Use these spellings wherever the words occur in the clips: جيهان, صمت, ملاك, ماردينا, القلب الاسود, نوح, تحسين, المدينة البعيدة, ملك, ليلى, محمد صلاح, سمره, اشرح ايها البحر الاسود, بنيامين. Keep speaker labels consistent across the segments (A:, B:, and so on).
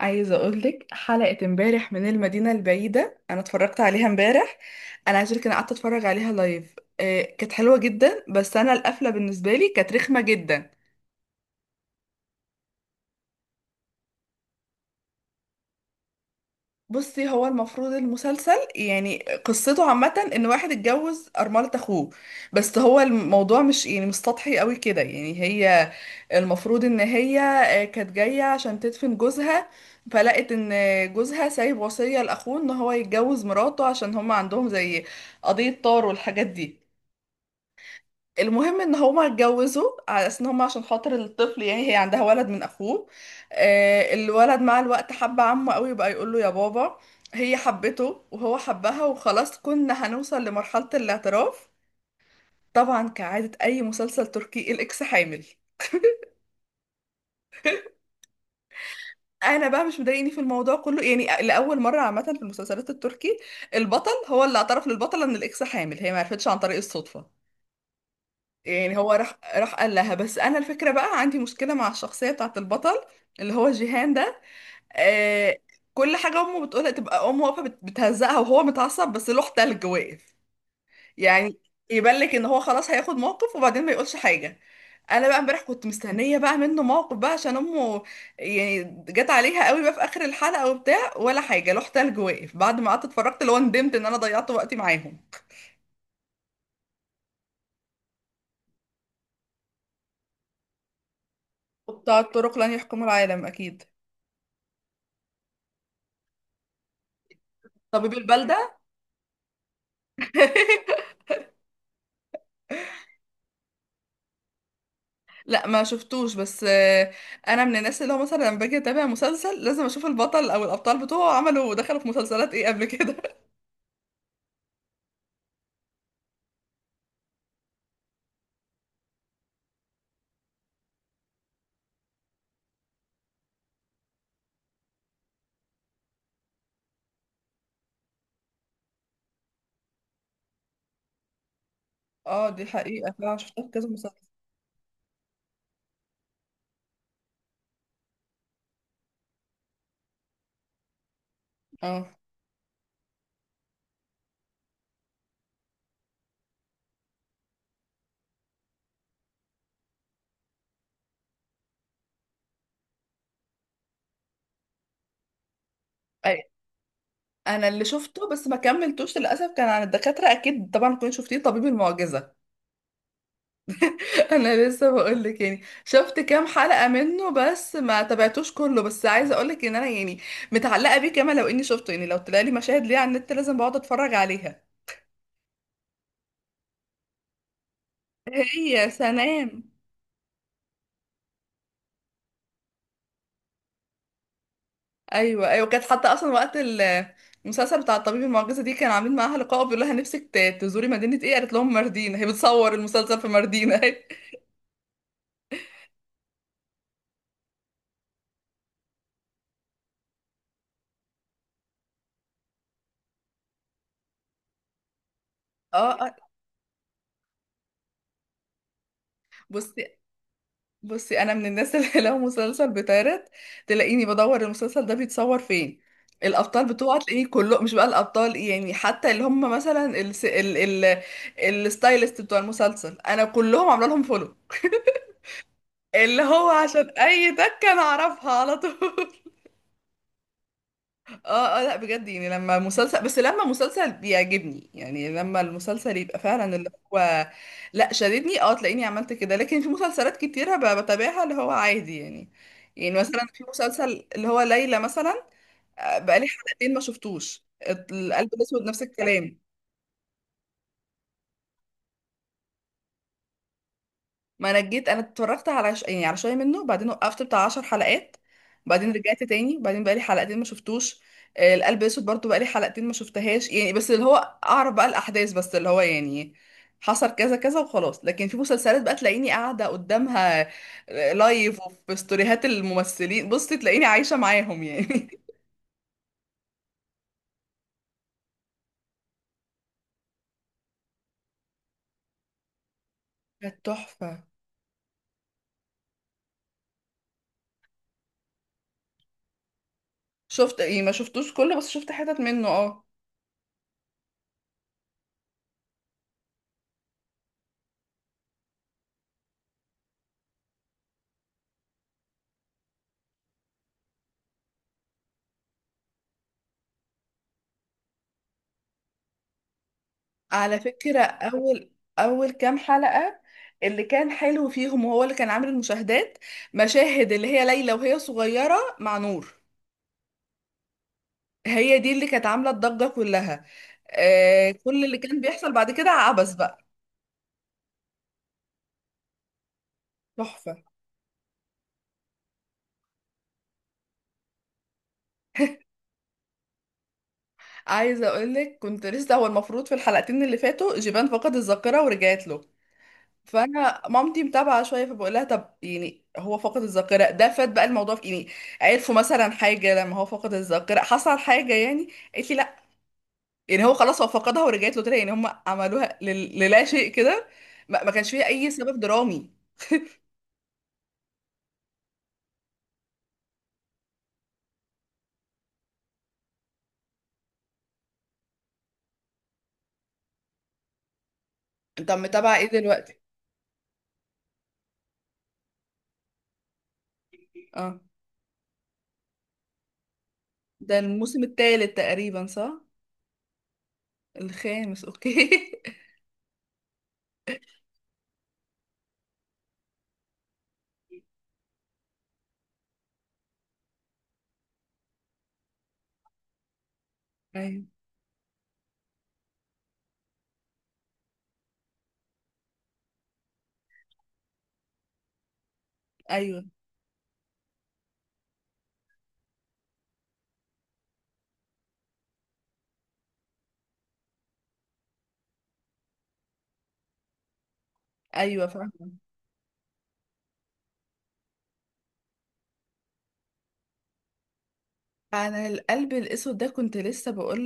A: عايزة أقولك حلقة امبارح من المدينة البعيدة، أنا اتفرجت عليها امبارح. أنا عايزة أقولك أنا قعدت أتفرج عليها لايف، كانت حلوة جدا، بس أنا القفلة بالنسبة لي كانت رخمة جدا. بصي، هو المفروض المسلسل يعني قصته عامة ان واحد اتجوز أرملة اخوه، بس هو الموضوع مش يعني مش سطحي قوي كده. يعني هي المفروض ان هي كانت جاية عشان تدفن جوزها، فلقت ان جوزها سايب وصية لاخوه ان هو يتجوز مراته، عشان هما عندهم زي قضية طار والحاجات دي. المهم ان هما اتجوزوا على اساس ان هما عشان خاطر الطفل، يعني هي عندها ولد من اخوه. الولد مع الوقت حب عمه قوي، بقى يقول له يا بابا. هي حبته وهو حبها وخلاص، كنا هنوصل لمرحلة الاعتراف. طبعا كعادة اي مسلسل تركي، الاكس حامل. انا بقى مش مضايقني في الموضوع كله، يعني لاول مره عامه في المسلسلات التركي البطل هو اللي اعترف للبطله ان الاكس حامل، هي ما عرفتش عن طريق الصدفه. يعني هو راح قال لها. بس انا الفكره بقى عندي مشكله مع الشخصيه بتاعت البطل اللي هو جيهان ده. آه. كل حاجه امه بتقولها تبقى امه واقفه بتهزقها، وهو متعصب بس لوح تلج واقف. يعني يبان لك ان هو خلاص هياخد موقف، وبعدين ما يقولش حاجه. انا بقى امبارح كنت مستنيه بقى منه موقف بقى عشان امه، يعني جت عليها قوي بقى في اخر الحلقه وبتاع، ولا حاجه لوح تلج واقف. بعد ما قعدت اتفرجت، اللي هو ندمت ان انا ضيعت وقتي معاهم. وبتاع الطرق لن يحكموا العالم اكيد. طبيب البلده. لا ما شفتوش، بس انا من الناس اللي هو مثلا لما باجي اتابع مسلسل لازم اشوف البطل او الابطال بتوعه عملوا دخلوا في مسلسلات ايه قبل كده. اه دي حقيقة فعلا شفتها في كذا مسلسل. اه. أي. انا اللي شفته بس ما كملتوش للاسف كان عن الدكاترة، اكيد طبعا كنت شفتيه طبيب المعجزة. انا لسه بقول لك، يعني شفت كام حلقة منه بس ما تابعتوش كله، بس عايزة اقول لك ان انا يعني متعلقة بيه كمان، لو اني شفته يعني لو طلع لي مشاهد ليه على النت لازم بقعد اتفرج عليها. هي سنام. ايوه ايوه، كانت حتى اصلا وقت المسلسل بتاع الطبيب المعجزه دي كان عاملين معاها لقاء بيقول لها نفسك تزوري مدينه ايه، قالت لهم ماردينا. هي بتصور المسلسل في ماردينا. اه. آه. بصي، بصي انا من الناس اللي لو مسلسل بيتعرض تلاقيني بدور المسلسل ده بيتصور فين، الابطال بتوعه تلاقيه كله، مش بقى الابطال يعني، حتى اللي هم مثلا ال... الستايلست بتوع المسلسل انا كلهم عامله لهم فولو، اللي هو عشان اي تكه انا اعرفها على طول. اه اه، لا بجد يعني لما مسلسل، بس لما مسلسل بيعجبني، يعني لما المسلسل يبقى فعلا اللي هو لا شددني، اه تلاقيني عملت كده. لكن في مسلسلات كتيرة بتابعها اللي هو عادي يعني. يعني مثلا في مسلسل اللي هو ليلى مثلا بقالي حلقتين ما شفتوش. القلب الاسود نفس الكلام. ما انا جيت انا اتفرجت على يعني على شويه منه، وبعدين وقفت بتاع 10 حلقات، بعدين رجعت تاني، بعدين بقالي حلقتين ما شفتوش. القلب الاسود برضو بقالي حلقتين ما شفتهاش، يعني بس اللي هو اعرف بقى الاحداث، بس اللي هو يعني حصل كذا كذا وخلاص. لكن في مسلسلات بقى تلاقيني قاعده قدامها لايف، وفي ستوريهات الممثلين بصي تلاقيني عايشه معاهم يعني. كانت تحفه. شفت يعني ما شفتوش كله، بس شفت حتت منه اه. على فكرة أول، أول كام حلقة اللي كان حلو فيهم وهو اللي كان عامل المشاهدات مشاهد اللي هي ليلى وهي صغيرة مع نور. هي دي اللي كانت عاملة الضجة كلها. آه، كل اللي كان بيحصل بعد كده عبث بقى. تحفة. عايزة أقولك كنت لسه، هو المفروض في الحلقتين اللي فاتوا جيبان فقد الذاكرة ورجعت له، فأنا مامتي متابعة شوية، فبقول لها طب يعني هو فقد الذاكرة ده فات بقى الموضوع في إيه؟ يعني عرفوا مثلا حاجة لما هو فقد الذاكرة حصل حاجة يعني، قالت لي لا. يعني هو خلاص هو فقدها ورجعت له تاني، يعني هم عملوها للا شيء كده، ما كانش فيها اي سبب درامي. انت متابعه ايه دلوقتي؟ اه، ده الموسم الثالث تقريبا، صح؟ الخامس، اوكي. ايوه ايوه. ايوه فاهم. انا القلب الاسود ده كنت لسه بقول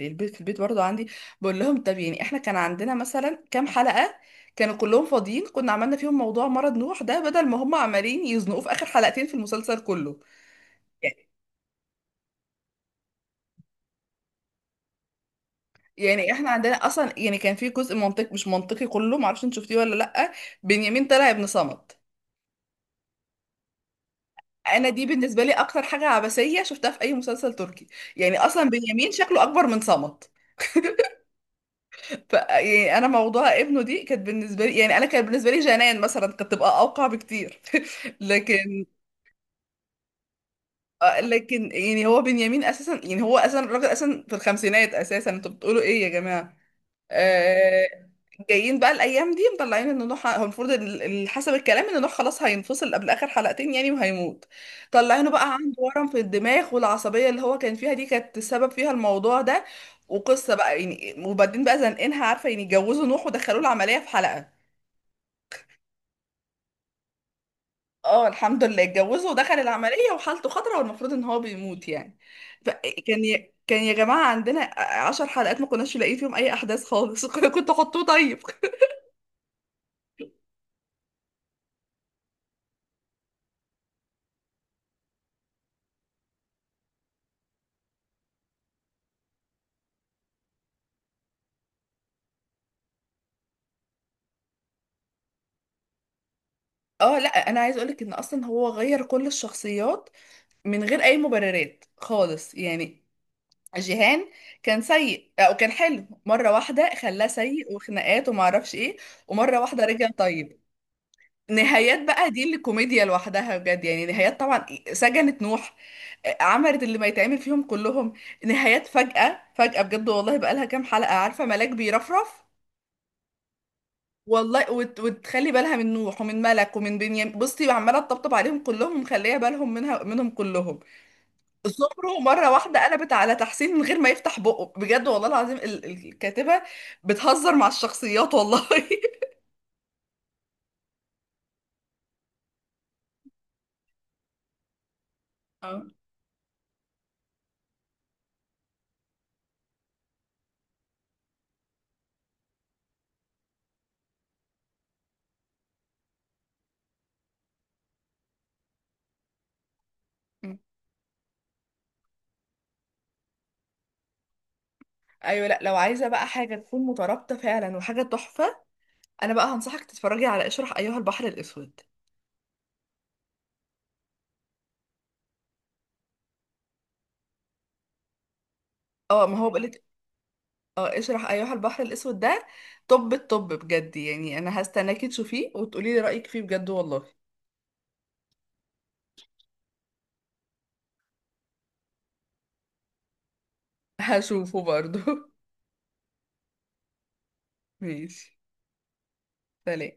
A: للبيت، في البيت برضو عندي بقول لهم طب يعني احنا كان عندنا مثلا كام حلقه كانوا كلهم فاضيين كنا عملنا فيهم موضوع مرض نوح ده، بدل ما هم عمالين يزنقوه في اخر حلقتين في المسلسل كله. يعني احنا عندنا اصلا، يعني كان في جزء منطقي مش منطقي كله، معرفش انت شفتيه ولا لا، بنيامين طلع ابن صمت. انا دي بالنسبه لي اكتر حاجه عبثيه شفتها في اي مسلسل تركي. يعني اصلا بنيامين شكله اكبر من صمت. ف يعني انا موضوع ابنه دي كانت بالنسبه لي، يعني انا كان بالنسبه لي جنان مثلا كانت تبقى اوقع بكتير. لكن لكن يعني هو بنيامين اساسا، يعني هو اساسا الراجل اساسا في الخمسينات اساسا، انتوا بتقولوا ايه يا جماعه؟ آه، جايين بقى الايام دي مطلعين ان نوح هو المفروض حسب الكلام ان نوح خلاص هينفصل قبل اخر حلقتين، يعني وهيموت. طلعينه بقى عنده ورم في الدماغ، والعصبيه اللي هو كان فيها دي كانت السبب فيها الموضوع ده. وقصه بقى يعني، وبعدين بقى زنقينها عارفه، يعني اتجوزوا نوح ودخلوه العمليه في حلقه. اه الحمد لله اتجوزه ودخل العمليه وحالته خطره، والمفروض ان هو بيموت يعني. فكان كان يا جماعه عندنا عشر حلقات ما كناش لاقيين فيهم اي احداث خالص. كنت حطوه طيب. اه لا انا عايز اقولك ان اصلا هو غير كل الشخصيات من غير اي مبررات خالص يعني. جيهان كان سيء او كان حلو، مره واحده خلاه سيء وخناقات وما اعرفش ايه، ومره واحده رجع طيب. نهايات بقى دي اللي كوميديا لوحدها بجد، يعني نهايات طبعا سجنت نوح، عملت اللي ما يتعمل فيهم كلهم. نهايات فجأة فجأة بجد، والله بقى لها كام حلقة عارفة ملاك بيرفرف والله، وتخلي بالها من نوح ومن ملك ومن بنيامين، بصي عماله تطبطب عليهم كلهم ومخليه بالهم منها منهم كلهم. سمره مره واحده قلبت على تحسين من غير ما يفتح بقه، بجد والله العظيم الكاتبه بتهزر مع الشخصيات والله. اه. م. ايوه، لا لو عايزه بقى حاجه تكون مترابطه فعلا وحاجه تحفه، انا بقى هنصحك تتفرجي على اشرح ايها البحر الاسود. اه ما هو بقولك، اه اشرح ايها البحر الاسود ده طب الطب بجد، يعني انا هستناكي تشوفيه وتقولي لي رايك فيه بجد والله. هشوفه برضو. ماشي. سلام.